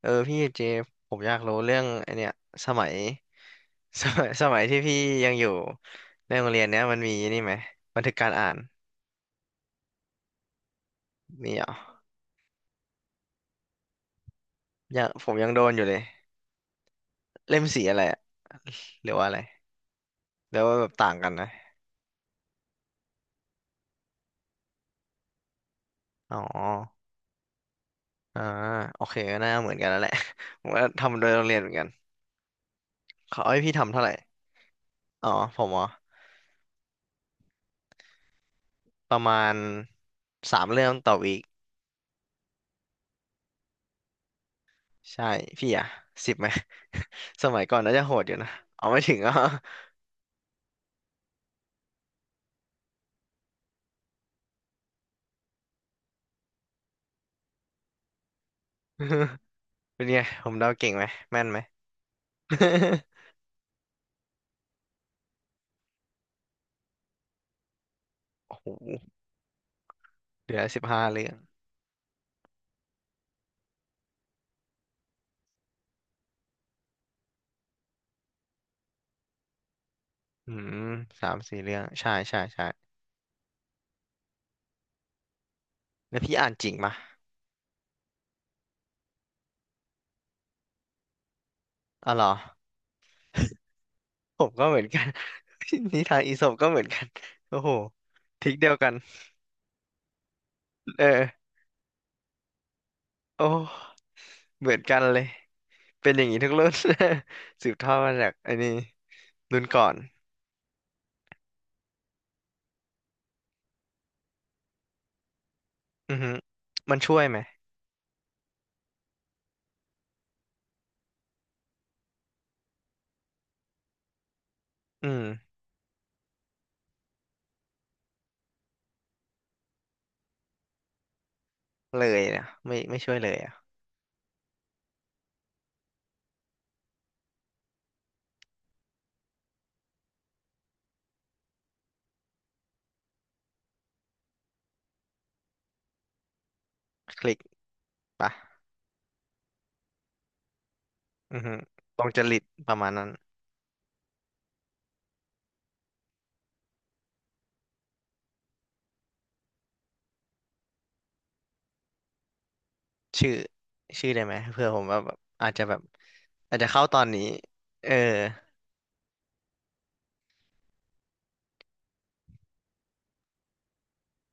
เออพี่เจฟผมอยากรู้เรื่องไอเนี้ยสมัย สมัยที่พี่ยังอยู่ในโรงเรียนเนี้ยมันมีนี่ไหมบันทึกการอ่านมีเหรอยังผมยังโดนอยู่เลยเล่มสีอะไรอะหรือว่าอะไรหรือว่าแบบต่างกันนะอ๋ออ่าโอเคก็น่าเหมือนกันแล้วแหละ ผมก็ทำโดยโรงเรียนเหมือนกันเขาให้พี่ทำเท่าไหร่อ๋อผมอ๋อประมาณสามเรื่องต่อวีคใช่พี่อะสิบไหม สมัยก่อนน่าจะโหดอยู่นะเอาไม่ถึง อ่ะ เป็นไงผมเดาเก่งไหมแม่นไหม โอ้โหเหลือ15เรื่องอืม3-4เรื่องใช่ใช่ใช่แล้วพี่อ่านจริงปะอ๋อเหรอผมก็เหมือนกัน นิทานอีสปก็เหมือนกันโอ้โหทริกเดียวกันเออโอ้เหมือนกันเลยเป็นอย่างนี้ทุกรุ่น สืบทอดมาจากอันนี้รุ่นก่อนอือฮึมันช่วยไหมอืมเลยนะไม่ไม่ช่วยเลยอ่ะคลิกปะอือฮึตรงจริตประมาณนั้นชื่อชื่อได้ไหมเพื่อผมว่าแบบอาจจะแบบ อาจจะเข้าตอนนี้เออ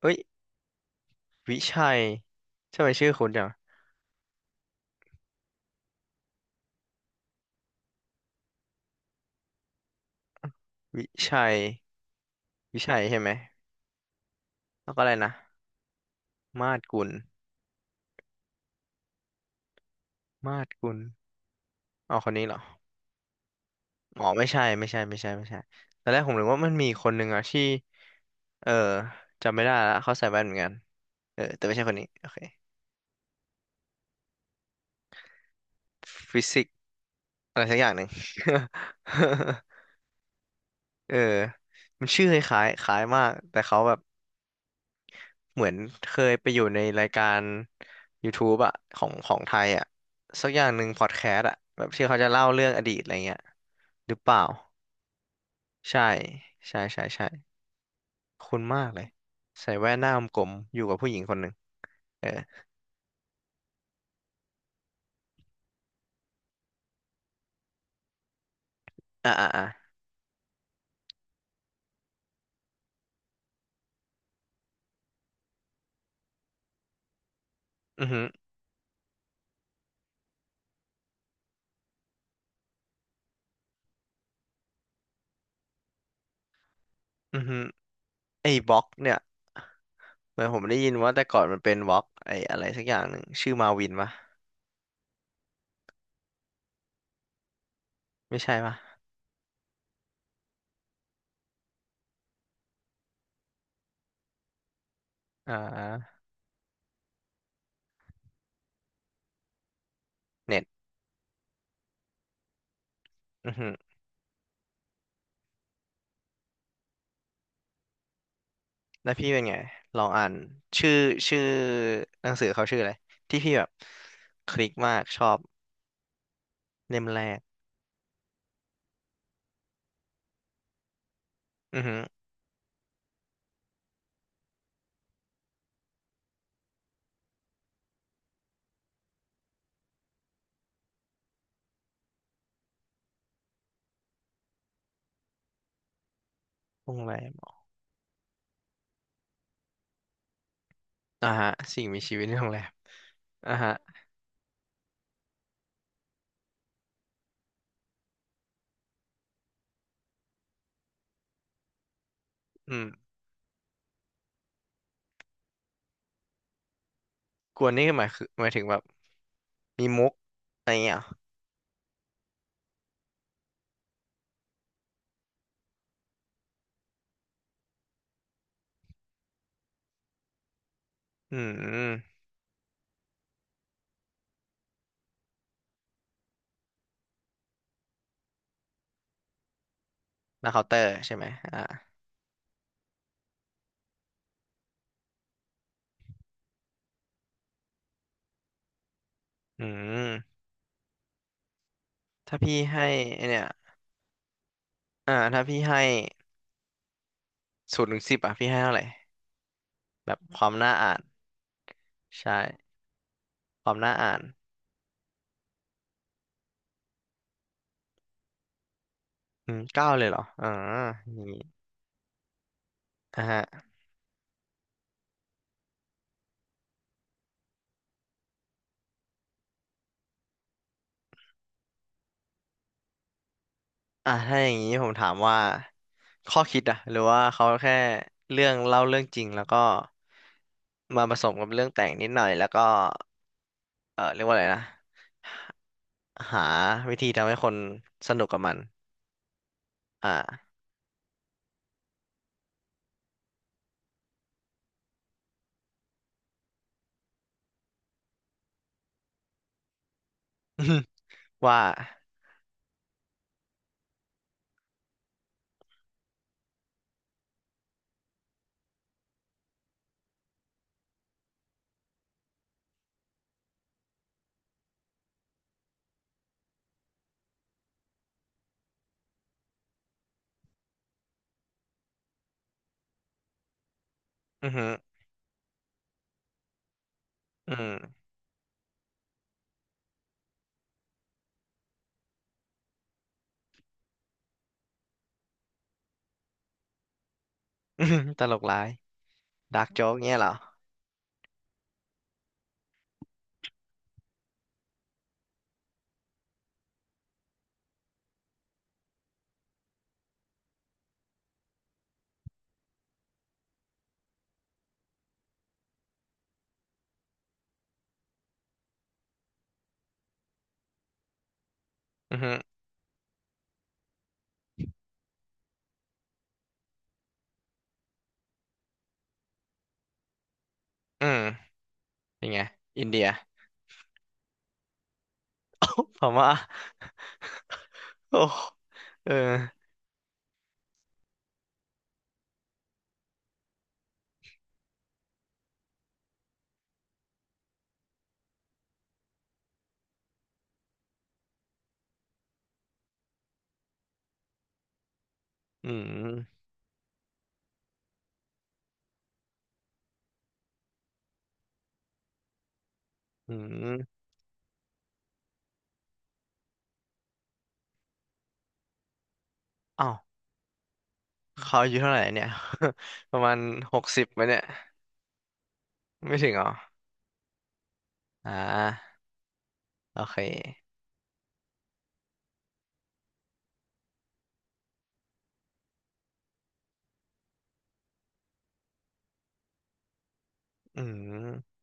เฮ้ยวิชัยทำไมชื่อคุณจังวิชัยวิชัยใช่ไหมแล้วก็อะไรนะมาดกุลมาดกุลอ๋อคนนี้เหรออ๋อไม่ใช่ ไม่ใช่ ไม่ใช่ ไม่ใช่ตอนแรกผมนึกว่ามันมีคนหนึ่งอะที่ เออจำไม่ได้ละเขาใส่แว่นเหมือนกันเออแต่ไม่ใช่คนนี้โอเคฟิสิกส์อะไรสักอย่างหนึ่ง เออมันชื่อคล้ายๆคล้ายมาก แต่เขาแบบ เหมือนเคยไปอยู่ในรายการ YouTube อะของไทยอะสักอย่างหนึ่งพอดแคสต์อะแบบที่เขาจะเล่าเรื่องอดีตอะไรเงี้ยหรือเปล่าใช่ใช่ใช่ใช่คุ้นมากเลยใส่แว่นหน้ากลมๆอยู่กับผู้หญิงคนหนึ่งเอออ่ะอ่ะอ่ะอือฮึอือฮึไอ้บล็อกเนี่ยเหมือนผมได้ยินว่าแต่ก่อนมันเป็นบล็อกไอ้อะไรสักอย่างหนึ่งชื่อมาวินปะไม่ใช่ปะอ่าเน็ตอือฮึ แล้วพี่เป็นไงลองอ่านชื่อชื่อหนังสือเขาชื่ออะไรที่พี่แบบคลิกมากชอบเล่มแรกอือฮึโรงแรมอ่าฮะสิ่งมีชีวิตในโรงแรมอ่าฮะอืมกวนนี่คือหมายถึงแบบมีมุกอะไรเงี้ยเหรออืมแล้วเคาน์เตอร์ใช่ไหมอ่าอืมถ้าพี่ให้ไอ้เนี่ยอ่าถ้าพี่ให้0 ถึง 10อ่ะพี่ให้เท่าไหร่แบบความน่าอ่านใช่ความน่าอ่านอืม9เลยเหรออ่าอย่างงี้อ่า อ่ะถ้าอย่างนี้ผมถามว่าข้อคิดอะหรือว่าเขาแค่เรื่องเล่าเรื่องจริงแล้วก็มาผสมกับเรื่องแต่งนิดหน่อยแล้วก็เออเรียกว่าอะไรนะหาวิธีทำให้คนสนุกกับมันอ่า ว่าอือหืออืม อือหือตลกร้ายดาร์กโจ๊กเงี้ยเหรออือหืออืมยังไงอินเดีย พม่า โอ้เอออืมอืมอ้าว เขาอายุเท่าไหร่เนี่ย ประมาณ60ไหมเนี่ยไม่ถึงเหรออ่าโอเคอืม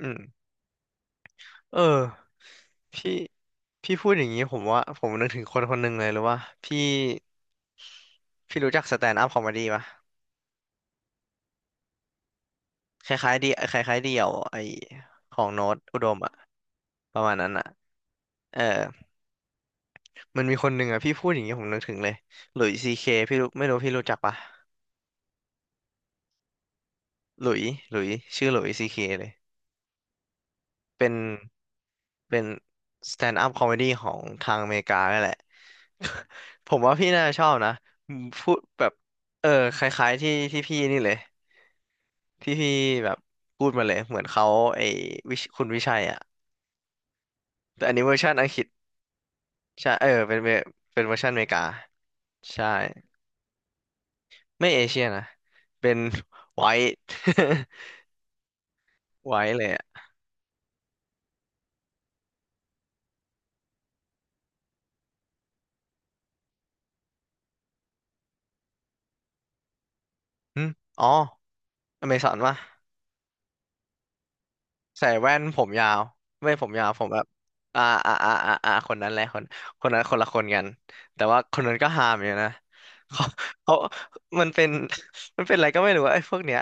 อืมเออพี่พี่พูดอย่างนี้ผมว่าผมนึกถึงคนคนหนึ่งเลยหรือว่าพี่พี่รู้จักสแตนด์อัพคอมเดี้ปะคล้ายๆดีคล้ายๆเดี่ยวไอของโน้ตอุดมอะประมาณนั้นอะเออมันมีคนหนึ่งอะพี่พูดอย่างนี้ผมนึกถึงเลยหลุยซีเคพี่รู้ไม่รู้พี่รู้จักปะหลุยหลุยชื่อหลุยซีเคเลย เป็นเป็นสแตนด์อัพคอมเมดี้ของทางอเมริกานั่นแหละ ผมว่าพี่น่าจะชอบนะพูดแบบเออคล้ายๆที่พี่นี่เลยที่พี่แบบพูดมาเลยเหมือนเขาไอ้วิชคุณวิชัยอ่ะแต่อันนี้เวอร์ชันอังกฤษใช่เออเป็นเวอร์ชันอเมริกาใช่ไม่เอเชียนะเป็นไวท์ ไวท์ เลยอ่ะหึอ๋ออเมซอนป่ะ ใส่แว่นผมยาวไม่ผมยาวผมแบบอ่าอ่าอ่าอ่าอ่าคนนั้นแหละคนคนนั้นคนละคนกันแต่ว่าคนนั้นก็หามอยู่นะเขาเขามันเป็น มันเป็นอะไรก็ไม่รู้ว่าไอ้พวกเนี้ย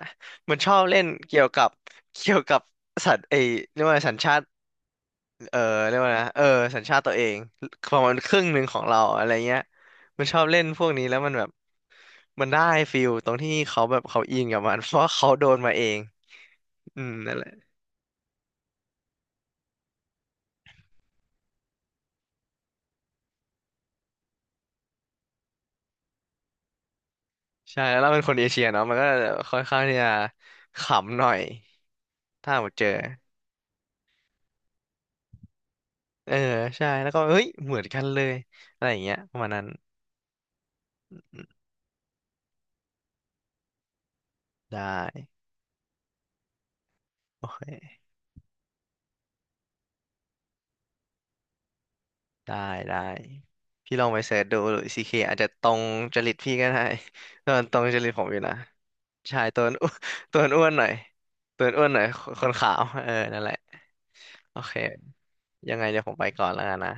มันชอบเล่นเกี่ยวกับเกี่ยวกับสัตว์ไอ้เรียกว่าสัญชาติเออเรียกว่านะเออสัญชาติตัวเองประมาณครึ่งหนึ่งของเราอะไรเงี้ยมันชอบเล่นพวกนี้แล้วมันแบบมันได้ฟิลตรงที่เขาแบบเขาอินกับมันเพราะว่าเขาโดนมาเองอืมนั่นแหละ ใช่แล้วเราเป็นคนเอเชียเนาะมันก็ค่อนข้างที่จะขำหน่อยถ้าหมดเจอเออใช่แล้วก็เฮ้ยเหมือนกันเลยอะไรอย่างเงี้ยประมาณนั้นอืมได้โอเคได้ได้พี่ลองไปเสิร์ชดูหรือซีเคอาจจะตรงจริตพี่ก็ได้ตอนตรงจริตผมอยู่นะใช่ตัวอ้วนตัวอ้วนหน่อยตัวอ้วนหน่อยคนขาวเออนั่นแหละโอเคยังไงเดี๋ยวผมไปก่อนแล้วกันนะ